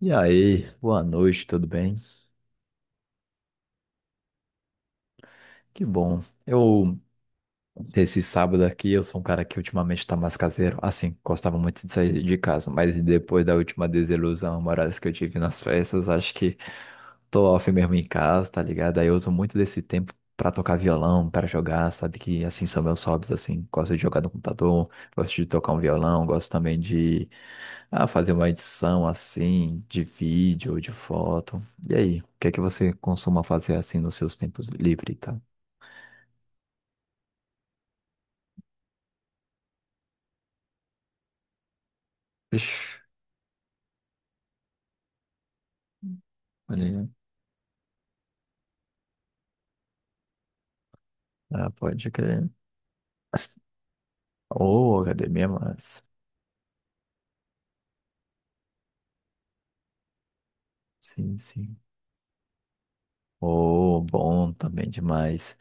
E aí, boa noite, tudo bem? Que bom. Esse sábado aqui, eu sou um cara que ultimamente tá mais caseiro. Assim, gostava muito de sair de casa, mas depois da última desilusão amorosa que eu tive nas festas, acho que tô off mesmo em casa, tá ligado? Aí eu uso muito desse tempo pra tocar violão, pra jogar, sabe? Que assim são meus hobbies, assim. Gosto de jogar no computador, gosto de tocar um violão, gosto também de fazer uma edição assim, de vídeo ou de foto. E aí, o que é que você costuma fazer assim nos seus tempos livres e tal? Ixi, olha aí. Ah, pode crer. Ô, academia, mas. Sim, sim. Ô, bom também demais.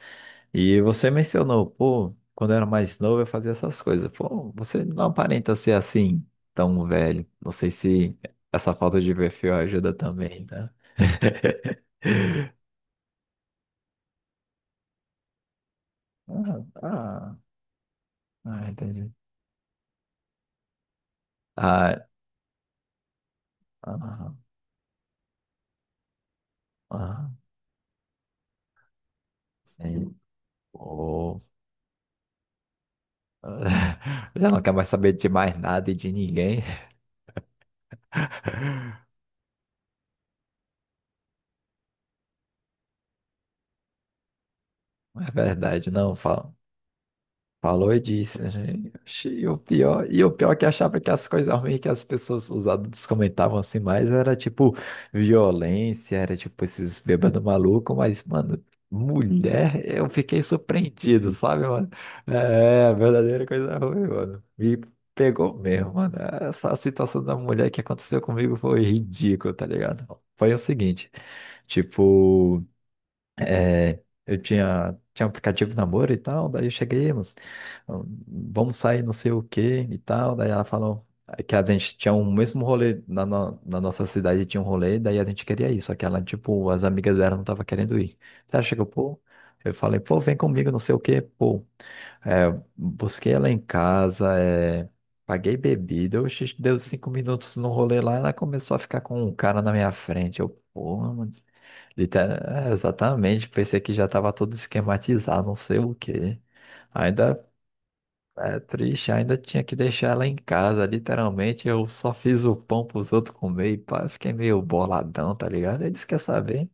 E você mencionou, pô, quando eu era mais novo eu fazia essas coisas. Pô, você não aparenta ser assim tão velho. Não sei se essa falta de perfil ajuda também, tá? Ah, ah, ah, entendi. Ah, ah, ah, sim. Pô. Já não quer mais saber de mais nada e de ninguém. É verdade, não fala. Falou e disse, né? Oxi, o pior, e o pior é que eu achava que as coisas ruins que as pessoas, os adultos comentavam assim mais era tipo violência, era tipo esses bêbados malucos, mas, mano, mulher, eu fiquei surpreendido, sabe, mano? É, a verdadeira coisa ruim, mano. Me pegou mesmo, mano. Essa situação da mulher que aconteceu comigo foi ridícula, tá ligado? Foi o seguinte, tipo é, eu tinha um aplicativo de namoro e tal, daí eu cheguei, mano, vamos sair não sei o que e tal, daí ela falou que a gente tinha o mesmo rolê, na, no- na nossa cidade tinha um rolê, daí a gente queria ir, só que ela, tipo, as amigas dela não tava querendo ir. Ela chegou, pô, eu falei, pô, vem comigo, não sei o que pô. É, busquei ela em casa, é, paguei bebida, oxe, deu 5 minutos no rolê lá, ela começou a ficar com um cara na minha frente. Eu, pô, mano. Literal, é, exatamente, pensei que já estava tudo esquematizado, não sei o quê. Ainda é triste, ainda tinha que deixar ela em casa, literalmente. Eu só fiz o pão pros outros comer e pá, eu fiquei meio boladão, tá ligado? Eles quer saber.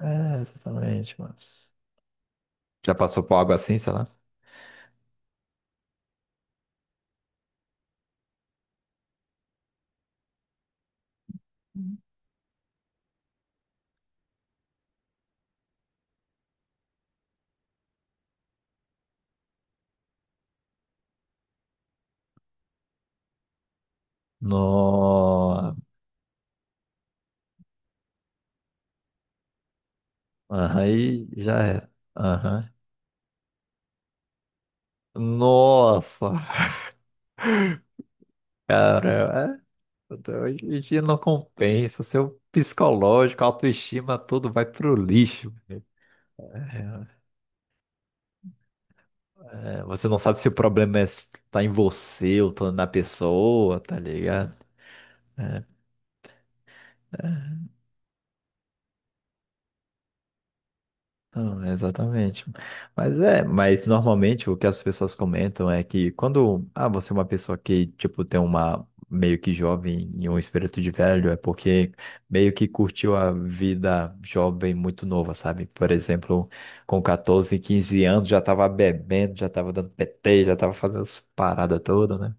É, exatamente, mano. Já passou por algo assim, sei lá? No... Aham, aí já era. Aham. Nossa, cara, é. Hoje em dia não compensa. Seu psicológico, autoestima, tudo vai pro lixo. É, é, você não sabe se o problema tá em você ou tá na pessoa, tá ligado? Não, exatamente. Mas é, mas normalmente o que as pessoas comentam é que quando, ah, você é uma pessoa que, tipo, tem uma meio que jovem e um espírito de velho, é porque meio que curtiu a vida jovem muito nova, sabe? Por exemplo, com 14, 15 anos já tava bebendo, já tava dando PT, já tava fazendo as paradas todas, né?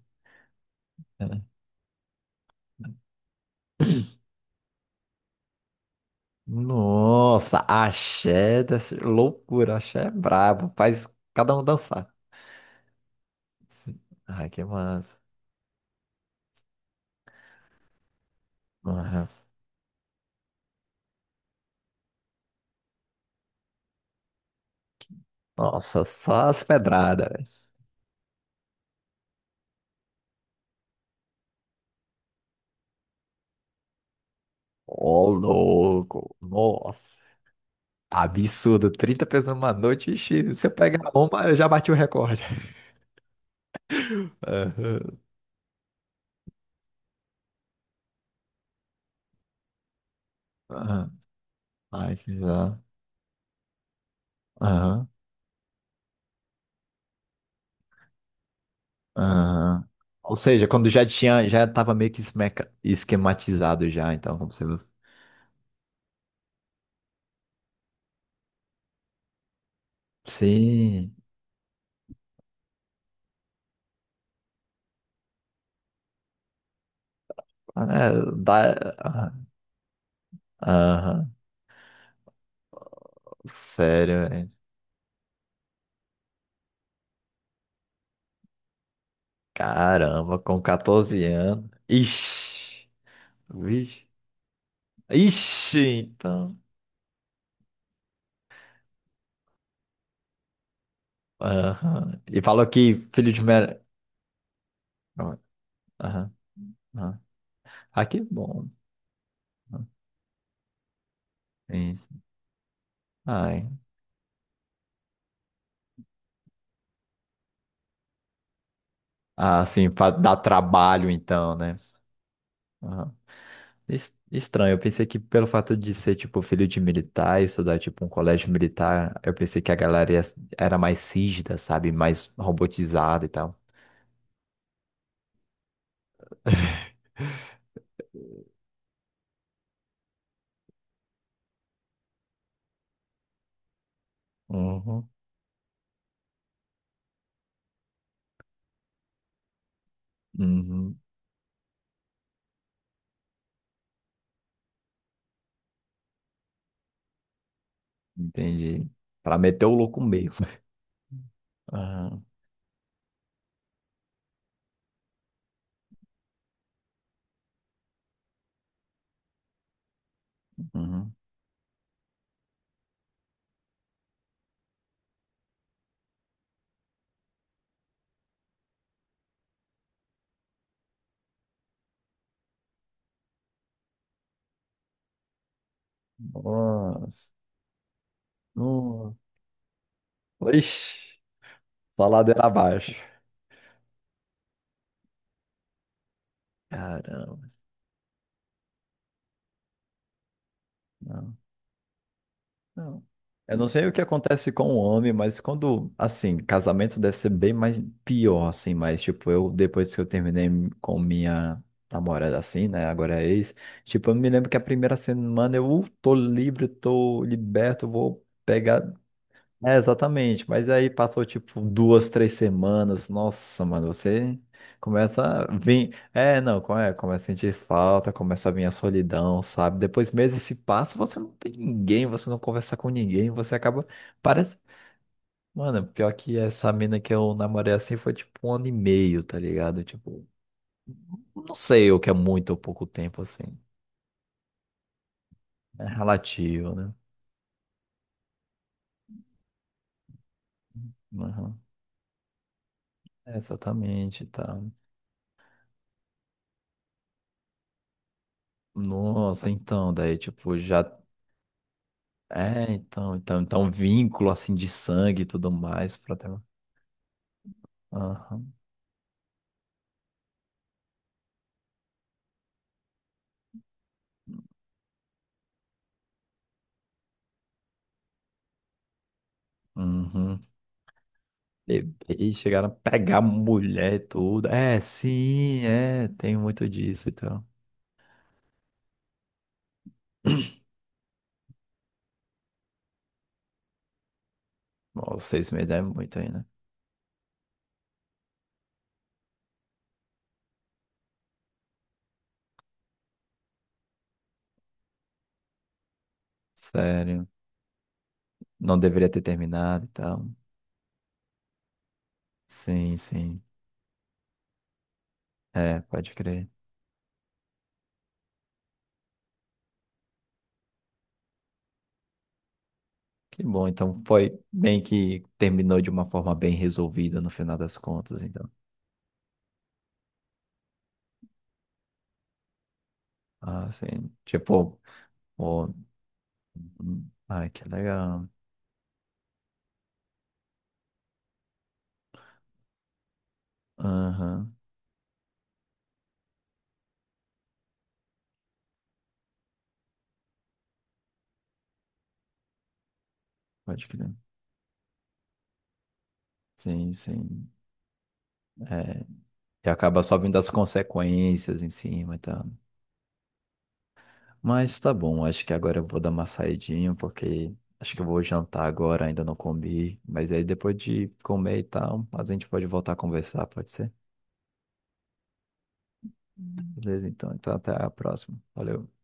É. Nossa, axé, dessa loucura, axé é brabo, faz cada um dançar. Ai, que massa. Aham. Nossa, só as pedradas, velho. Ô, louco, nossa, absurdo, 30 pessoas numa noite, ixi, se eu pegar uma, eu já bati o recorde. Aham, aham. Ai, que já. Aham, aham. Ou seja, quando já tinha, já tava meio que esquematizado já, então, como se você... Sim, é, dá... Aham, sério, velho. Caramba, com 14 anos. Ixi, vixe. Ixi, então. Aham. E falou que filho de mer... Aham, aham. Ah, que bom. É isso. Ai. Ah, sim, pra dar trabalho, então, né? Aham. Estranho, eu pensei que pelo fato de ser, tipo, filho de militar e estudar, tipo, um colégio militar, eu pensei que a galera era mais rígida, sabe? Mais robotizada e tal. Uhum. Uhum. Entendi. Pra meter o louco mesmo. Aham, uhum. Nossa, nossa, Ixi, só ladeira abaixo. Caramba, não, não. Eu não sei o que acontece com o homem, mas quando, assim, casamento deve ser bem mais pior, assim, mas, tipo, eu, depois que eu terminei com minha namorada, assim, né, agora é ex, tipo, eu me lembro que a primeira semana eu tô livre, tô liberto, vou pegar. É, exatamente. Mas aí passou tipo 2, 3 semanas. Nossa, mano, você começa a vir. É, não, como é? Começa a sentir falta, começa a vir a solidão, sabe? Depois meses se passam, você não tem ninguém, você não conversa com ninguém, você acaba. Parece. Mano, pior que essa mina que eu namorei assim foi tipo um ano e meio, tá ligado? Tipo, não sei o que é muito ou pouco tempo assim. É relativo, né? Uhum. É, exatamente, tá. Nossa, então, daí, tipo, já. É, então, um vínculo assim de sangue e tudo mais pra ter. Aham. Uhum. Bebês chegaram a pegar mulher e tudo. É, sim, é, tem muito disso, então. Bom, vocês me devem muito aí, né? Sério. Não deveria ter terminado e tal. Sim, sim. É, pode crer. Que bom, então foi bem que terminou de uma forma bem resolvida no final das contas, então. Ah, sim. Tipo, pô. Hum, ai, que legal. Aham. Pode crer. Sim, sim. É, e acaba só vindo as consequências em cima e tal. Mas tá bom, acho que agora eu vou dar uma saidinha, porque acho que eu vou jantar agora, ainda não comi. Mas aí depois de comer e tal, a gente pode voltar a conversar, pode ser? Beleza, então. Então até a próxima. Valeu.